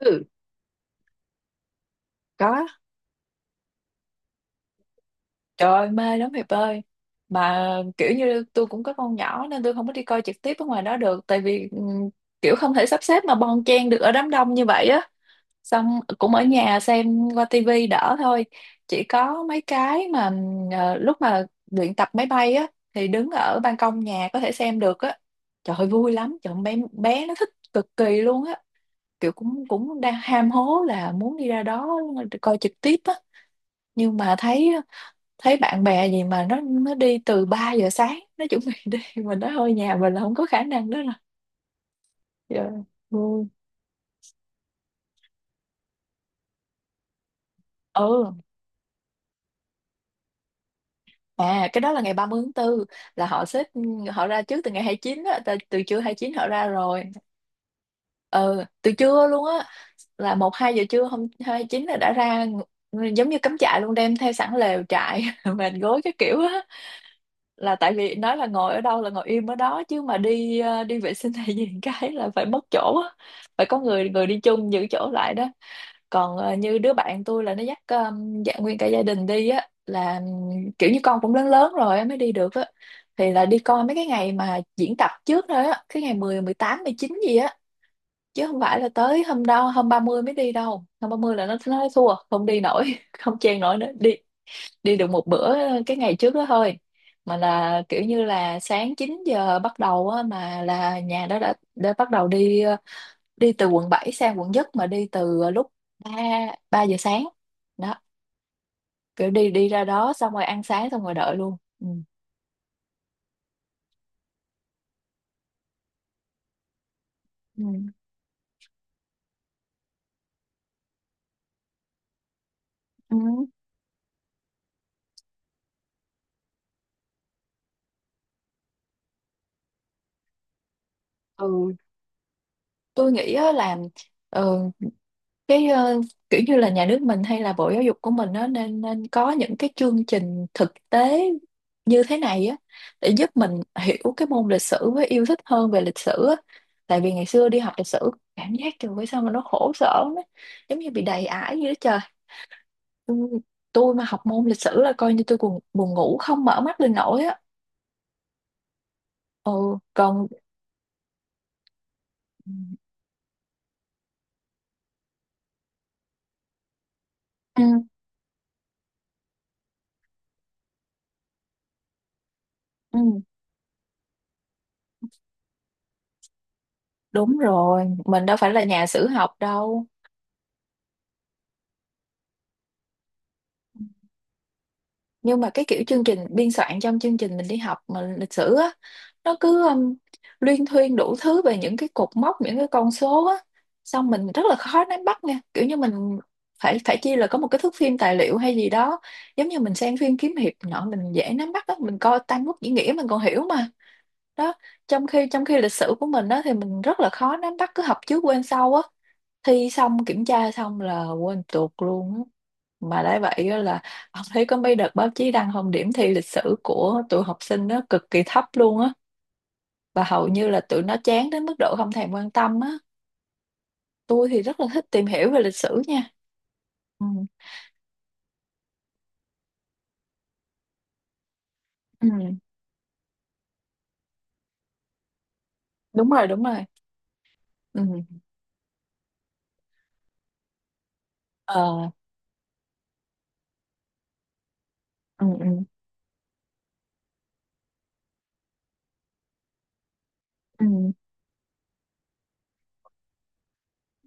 Ừ, có. Trời ơi, mê lắm Hiệp ơi. Mà kiểu như tôi cũng có con nhỏ nên tôi không có đi coi trực tiếp ở ngoài đó được. Tại vì kiểu không thể sắp xếp mà bon chen được ở đám đông như vậy á. Xong cũng ở nhà xem qua tivi đỡ thôi. Chỉ có mấy cái mà lúc mà luyện tập máy bay á thì đứng ở ban công nhà có thể xem được á. Trời ơi, vui lắm. Trời ơi, bé nó thích cực kỳ luôn á. Kiểu cũng cũng đang ham hố là muốn đi ra đó coi trực tiếp á, nhưng mà thấy thấy bạn bè gì mà nó đi từ 3 giờ sáng nó chuẩn bị đi mình nói thôi nhà mình là không có khả năng đó rồi giờ vui. Ừ, à, cái đó là ngày 30 tháng 4, là họ xếp, họ ra trước từ ngày 29 á, từ trưa hai chín họ ra rồi. Ừ, từ trưa luôn á, là một hai giờ trưa hôm hai chín là đã ra, giống như cắm trại luôn, đem theo sẵn lều trại mền gối cái kiểu á, là tại vì nói là ngồi ở đâu là ngồi im ở đó, chứ mà đi đi vệ sinh hay gì cái là phải mất chỗ á, phải có người người đi chung giữ chỗ lại đó. Còn như đứa bạn tôi là nó dắt dạ, nguyên cả gia đình đi á, là kiểu như con cũng lớn lớn rồi á mới đi được á, thì là đi coi mấy cái ngày mà diễn tập trước thôi á, cái ngày mười, mười tám mười chín gì á, chứ không phải là tới hôm đó, hôm 30 mới đi đâu. Hôm 30 là nó thua không đi nổi không chen nổi nữa, đi đi được một bữa cái ngày trước đó thôi. Mà là kiểu như là sáng 9 giờ bắt đầu á, mà là nhà đó đã bắt đầu đi đi từ quận 7 sang quận Nhất, mà đi từ lúc 3 3 giờ sáng đó, kiểu đi đi ra đó xong rồi ăn sáng xong rồi đợi luôn. Ừ. Ừ. Ừ. Ừ, tôi nghĩ á là, ừ, cái kiểu như là nhà nước mình hay là Bộ Giáo dục của mình nó nên nên có những cái chương trình thực tế như thế này á, để giúp mình hiểu cái môn lịch sử với yêu thích hơn về lịch sử á. Tại vì ngày xưa đi học lịch sử cảm giác trời ơi sao mà nó khổ sở lắm, giống như bị đầy ải vậy đó trời. Ừ, tôi mà học môn lịch sử là coi như tôi buồn buồn ngủ không mở mắt lên nổi á. Ừ, còn, ừ, ừ, đúng rồi, mình đâu phải là nhà sử học đâu. Nhưng mà cái kiểu chương trình biên soạn trong chương trình mình đi học mà lịch sử á, nó cứ luyên thuyên đủ thứ về những cái cột mốc, những cái con số á, xong mình rất là khó nắm bắt nha, kiểu như mình phải phải chi là có một cái thước phim tài liệu hay gì đó, giống như mình xem phim kiếm hiệp nọ mình dễ nắm bắt á, mình coi Tam Quốc diễn nghĩa mình còn hiểu mà. Đó, trong khi lịch sử của mình á thì mình rất là khó nắm bắt, cứ học trước quên sau á, thi xong kiểm tra xong là quên tuột luôn á. Mà đã vậy á là ông thấy có mấy đợt báo chí đăng không, điểm thi lịch sử của tụi học sinh nó cực kỳ thấp luôn á, và hầu như là tụi nó chán đến mức độ không thèm quan tâm á. Tôi thì rất là thích tìm hiểu về lịch sử nha. Ừ, ừ, đúng rồi, đúng rồi. Ừ, ờ, ừ, ừ, ừ,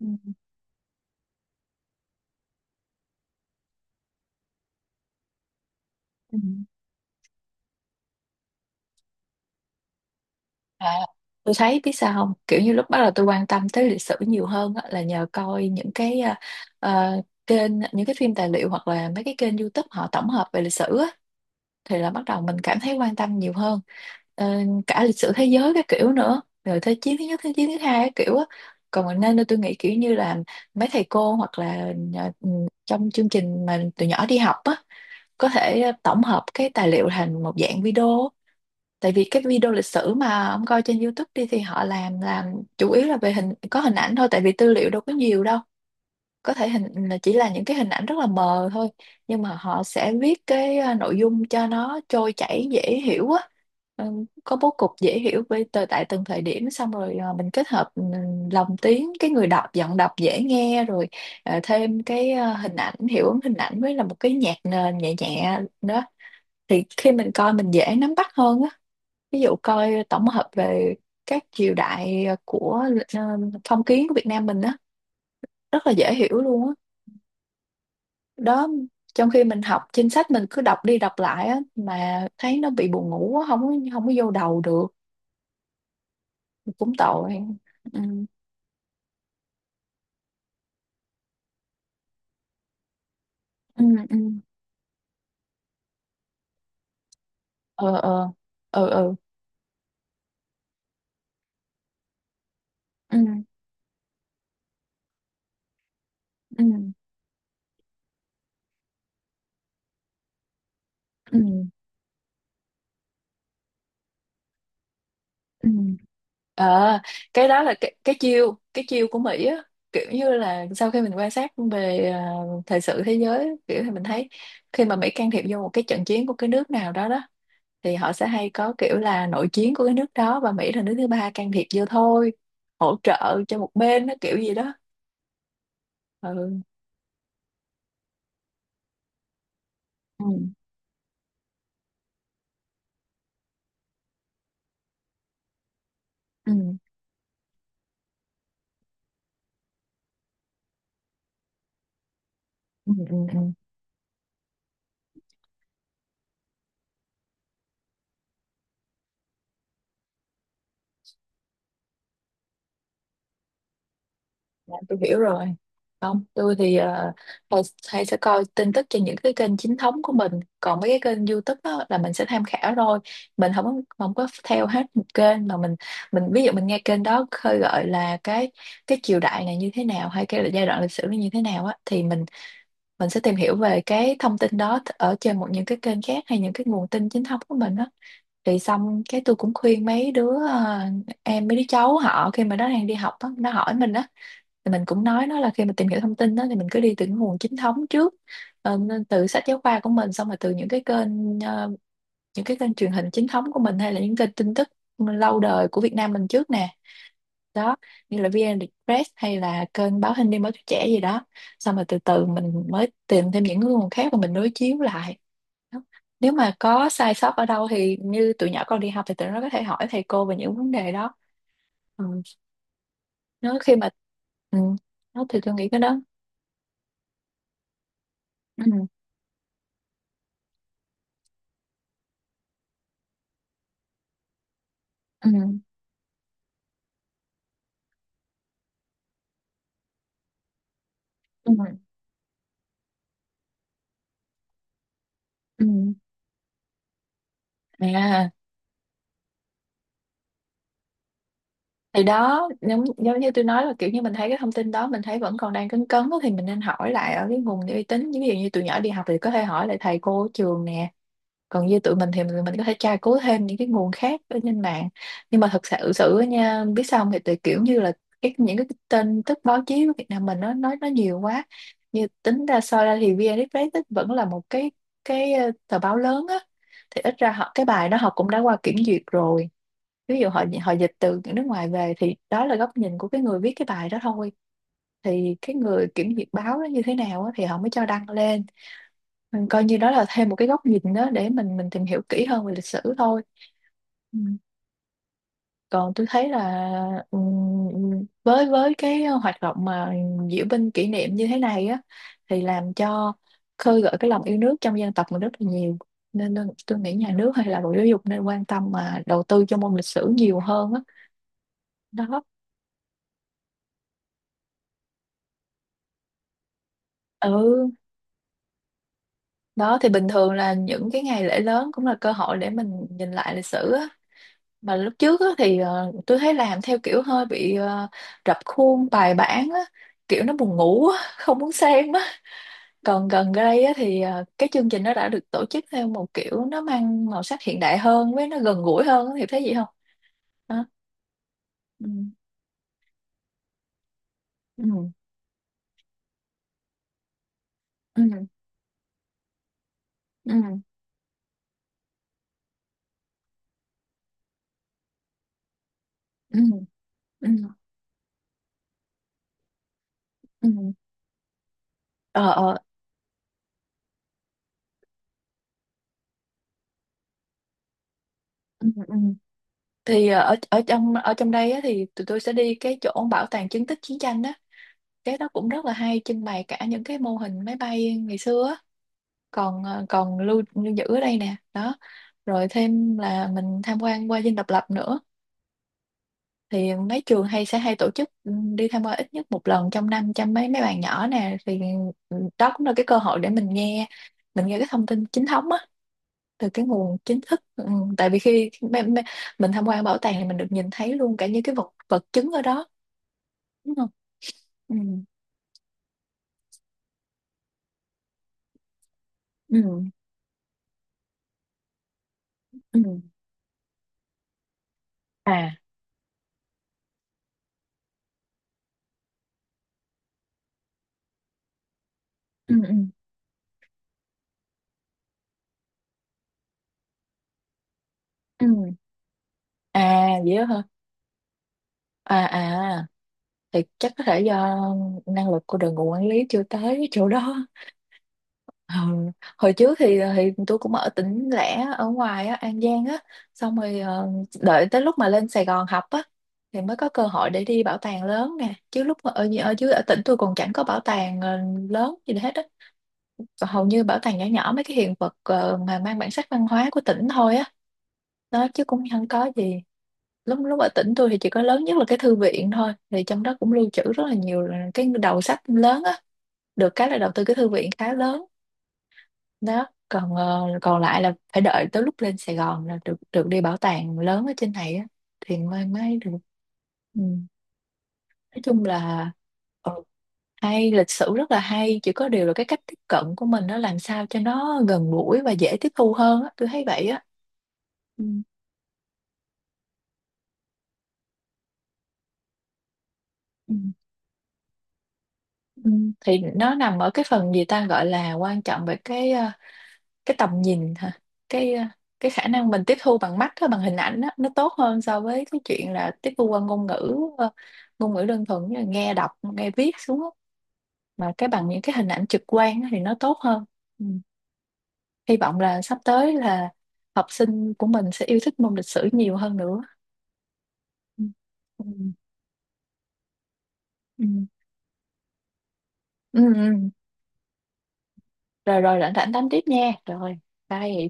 ừ, ừ. À, tôi thấy biết sao không, kiểu như lúc bắt đầu tôi quan tâm tới lịch sử nhiều hơn á, là nhờ coi những cái à, kênh, những cái phim tài liệu hoặc là mấy cái kênh YouTube họ tổng hợp về lịch sử á, thì là bắt đầu mình cảm thấy quan tâm nhiều hơn. Ờ, cả lịch sử thế giới các kiểu nữa, rồi thế chiến thứ nhất, thế chiến thứ hai các kiểu á. Còn mình, nên tôi nghĩ kiểu như là mấy thầy cô hoặc là trong chương trình mà từ nhỏ đi học á, có thể tổng hợp cái tài liệu thành một dạng video. Tại vì cái video lịch sử mà ông coi trên YouTube đi thì họ làm chủ yếu là về hình, có hình ảnh thôi, tại vì tư liệu đâu có nhiều đâu, có thể hình là chỉ là những cái hình ảnh rất là mờ thôi, nhưng mà họ sẽ viết cái nội dung cho nó trôi chảy dễ hiểu á. Có bố cục dễ hiểu với từ tại từng thời điểm, xong rồi mình kết hợp lồng tiếng, cái người đọc giọng đọc dễ nghe rồi thêm cái hình ảnh, hiệu ứng hình ảnh với là một cái nhạc nền nhẹ nhẹ nữa, thì khi mình coi mình dễ nắm bắt hơn á. Ví dụ coi tổng hợp về các triều đại của ờ, phong kiến của Việt Nam mình á, rất là dễ hiểu luôn á đó. Trong khi mình học trên sách mình cứ đọc đi đọc lại á, mà thấy nó bị buồn ngủ á, không có vô đầu được, cũng tội. Ừ, ừ, ừ, ờ, ờ, ờ, ờ, ừ, ừ, ừ, ừ. À, cái đó là cái chiêu, của Mỹ á, kiểu như là sau khi mình quan sát về thời sự thế giới kiểu thì mình thấy khi mà Mỹ can thiệp vô một cái trận chiến của cái nước nào đó đó, thì họ sẽ hay có kiểu là nội chiến của cái nước đó, và Mỹ là nước thứ ba can thiệp vô thôi, hỗ trợ cho một bên nó kiểu gì đó. Ừ. Ừ. Ừ. Ừ. Ừ. Ừ. Dạ, tôi hiểu rồi. Không, tôi thì hay, hay sẽ coi tin tức trên những cái kênh chính thống của mình. Còn mấy cái kênh YouTube đó là mình sẽ tham khảo thôi. Mình không có- Không có theo hết một kênh mà mình ví dụ mình nghe kênh đó khơi gợi là cái triều đại này như thế nào hay cái giai đoạn lịch sử này như thế nào á, thì mình sẽ tìm hiểu về cái thông tin đó ở trên một những cái kênh khác, hay những cái nguồn tin chính thống của mình đó. Thì xong cái tôi cũng khuyên mấy đứa em, mấy đứa cháu họ, khi mà nó đang đi học á, nó hỏi mình á, thì mình cũng nói nó là khi mà tìm hiểu thông tin đó thì mình cứ đi từ những nguồn chính thống trước. Ờ, nên từ sách giáo khoa của mình, xong rồi từ những cái kênh những cái kênh truyền hình chính thống của mình, hay là những kênh tin tức lâu đời của Việt Nam mình trước nè, đó, như là VN Express, hay là kênh báo Hình đêm, báo tuổi trẻ gì đó, xong rồi từ từ mình mới tìm thêm những nguồn khác và mình đối chiếu lại. Đó, nếu mà có sai sót ở đâu thì như tụi nhỏ con đi học thì tụi nó có thể hỏi thầy cô về những vấn đề đó. Ừ. Nó khi mà, ừ, đó thì tôi nghĩ cái đó, ừ. Ừ. Ừ. Ừ. À, thì đó giống như tôi nói là kiểu như mình thấy cái thông tin đó mình thấy vẫn còn đang cấn cấn á, thì mình nên hỏi lại ở cái nguồn uy tín, ví dụ như tụi nhỏ đi học thì có thể hỏi lại thầy cô ở trường nè, còn như tụi mình thì mình có thể tra cứu thêm những cái nguồn khác ở trên mạng. Nhưng mà thật sự sự á nha, biết sao không? Thì tụi kiểu như là những cái tin tức báo chí của Việt Nam mình nó nói nhiều quá. Như tính ra soi ra thì VN Express ấy vẫn là một tờ báo lớn á, thì ít ra họ cái bài đó họ cũng đã qua kiểm duyệt rồi. Ví dụ họ họ dịch từ nước ngoài về thì đó là góc nhìn của cái người viết cái bài đó thôi. Thì cái người kiểm duyệt báo nó như thế nào á, thì họ mới cho đăng lên. Mình coi như đó là thêm một cái góc nhìn đó để mình tìm hiểu kỹ hơn về lịch sử thôi. Ừ. Còn tôi thấy là, ừ, với cái hoạt động mà diễu binh kỷ niệm như thế này á, thì làm cho khơi gợi cái lòng yêu nước trong dân tộc mình rất là nhiều. Nên nên tôi nghĩ nhà nước hay là Bộ Giáo dục nên quan tâm mà đầu tư cho môn lịch sử nhiều hơn á. Đó. Ừ, đó thì bình thường là những cái ngày lễ lớn cũng là cơ hội để mình nhìn lại lịch sử á. Mà lúc trước á, thì tôi thấy làm theo kiểu hơi bị rập khuôn bài bản á, kiểu nó buồn ngủ á, không muốn xem á. Còn gần đây á, thì cái chương trình nó đã được tổ chức theo một kiểu nó mang màu sắc hiện đại hơn với nó gần gũi hơn á, thì thấy gì không? Hả? Ừ. Ừ. Ừ. Ừ. Ừ. Ừ. Ừ. Ờ. Ờ. Ừ. Ừ. Thì ờ, ở ở trong đây á, thì tụi tôi sẽ đi cái chỗ bảo tàng chứng tích chiến tranh á. Cái đó cũng rất là hay, trưng bày cả những cái mô hình máy bay ngày xưa á. Còn còn lưu giữ ở đây nè đó. Rồi thêm là mình tham quan qua Dinh Độc Lập nữa. Thì mấy trường hay tổ chức đi tham quan ít nhất một lần trong năm cho mấy mấy bạn nhỏ nè. Thì ừ, đó cũng là cái cơ hội để mình nghe cái thông tin chính thống á, từ cái nguồn chính thức. Ừ. Tại vì khi mình tham quan bảo tàng thì mình được nhìn thấy luôn cả những cái vật vật chứng ở đó, đúng không? Ừ. Ừ. Ừ. À. Ừ. Ừ. Ừ. À vậy đó hả? À à. Thì chắc có thể do năng lực của đội ngũ quản lý chưa tới chỗ đó. Ừ. Hồi trước thì tôi cũng ở tỉnh lẻ ở ngoài á, An Giang á. Xong rồi đợi tới lúc mà lên Sài Gòn học á, thì mới có cơ hội để đi bảo tàng lớn nè. Chứ lúc mà ở ở dưới ở tỉnh tôi còn chẳng có bảo tàng lớn gì hết á. Còn hầu như bảo tàng nhỏ nhỏ mấy cái hiện vật mà mang bản sắc văn hóa của tỉnh thôi á, đó, chứ cũng không có gì. Lúc lúc ở tỉnh tôi thì chỉ có lớn nhất là cái thư viện thôi, thì trong đó cũng lưu trữ rất là nhiều là cái đầu sách lớn á. Được cái là đầu tư cái thư viện khá lớn. Đó, còn còn lại là phải đợi tới lúc lên Sài Gòn là được được đi bảo tàng lớn ở trên này á, thì mới mới được. Ừ. Nói chung là ừ, hay, lịch sử rất là hay, chỉ có điều là cái cách tiếp cận của mình nó làm sao cho nó gần gũi và dễ tiếp thu hơn á, tôi thấy vậy á. Ừ. Ừ. Ừ, thì nó nằm ở cái phần gì ta gọi là quan trọng về cái tầm nhìn hả, cái ờ, cái khả năng mình tiếp thu bằng mắt á, bằng hình ảnh á, nó tốt hơn so với cái chuyện là tiếp thu qua ngôn ngữ ngôn ngữ đơn thuần như là nghe đọc nghe viết xuống á. Mà cái bằng những cái hình ảnh trực quan á thì nó tốt hơn. Ừ. Hy vọng là sắp tới là học sinh của mình sẽ yêu thích môn lịch sử nhiều hơn nữa. Ừ. Ừ. Ừ. Ừ. Ừ. Rồi, rảnh rảnh đánh tiếp nha. Rồi, bye.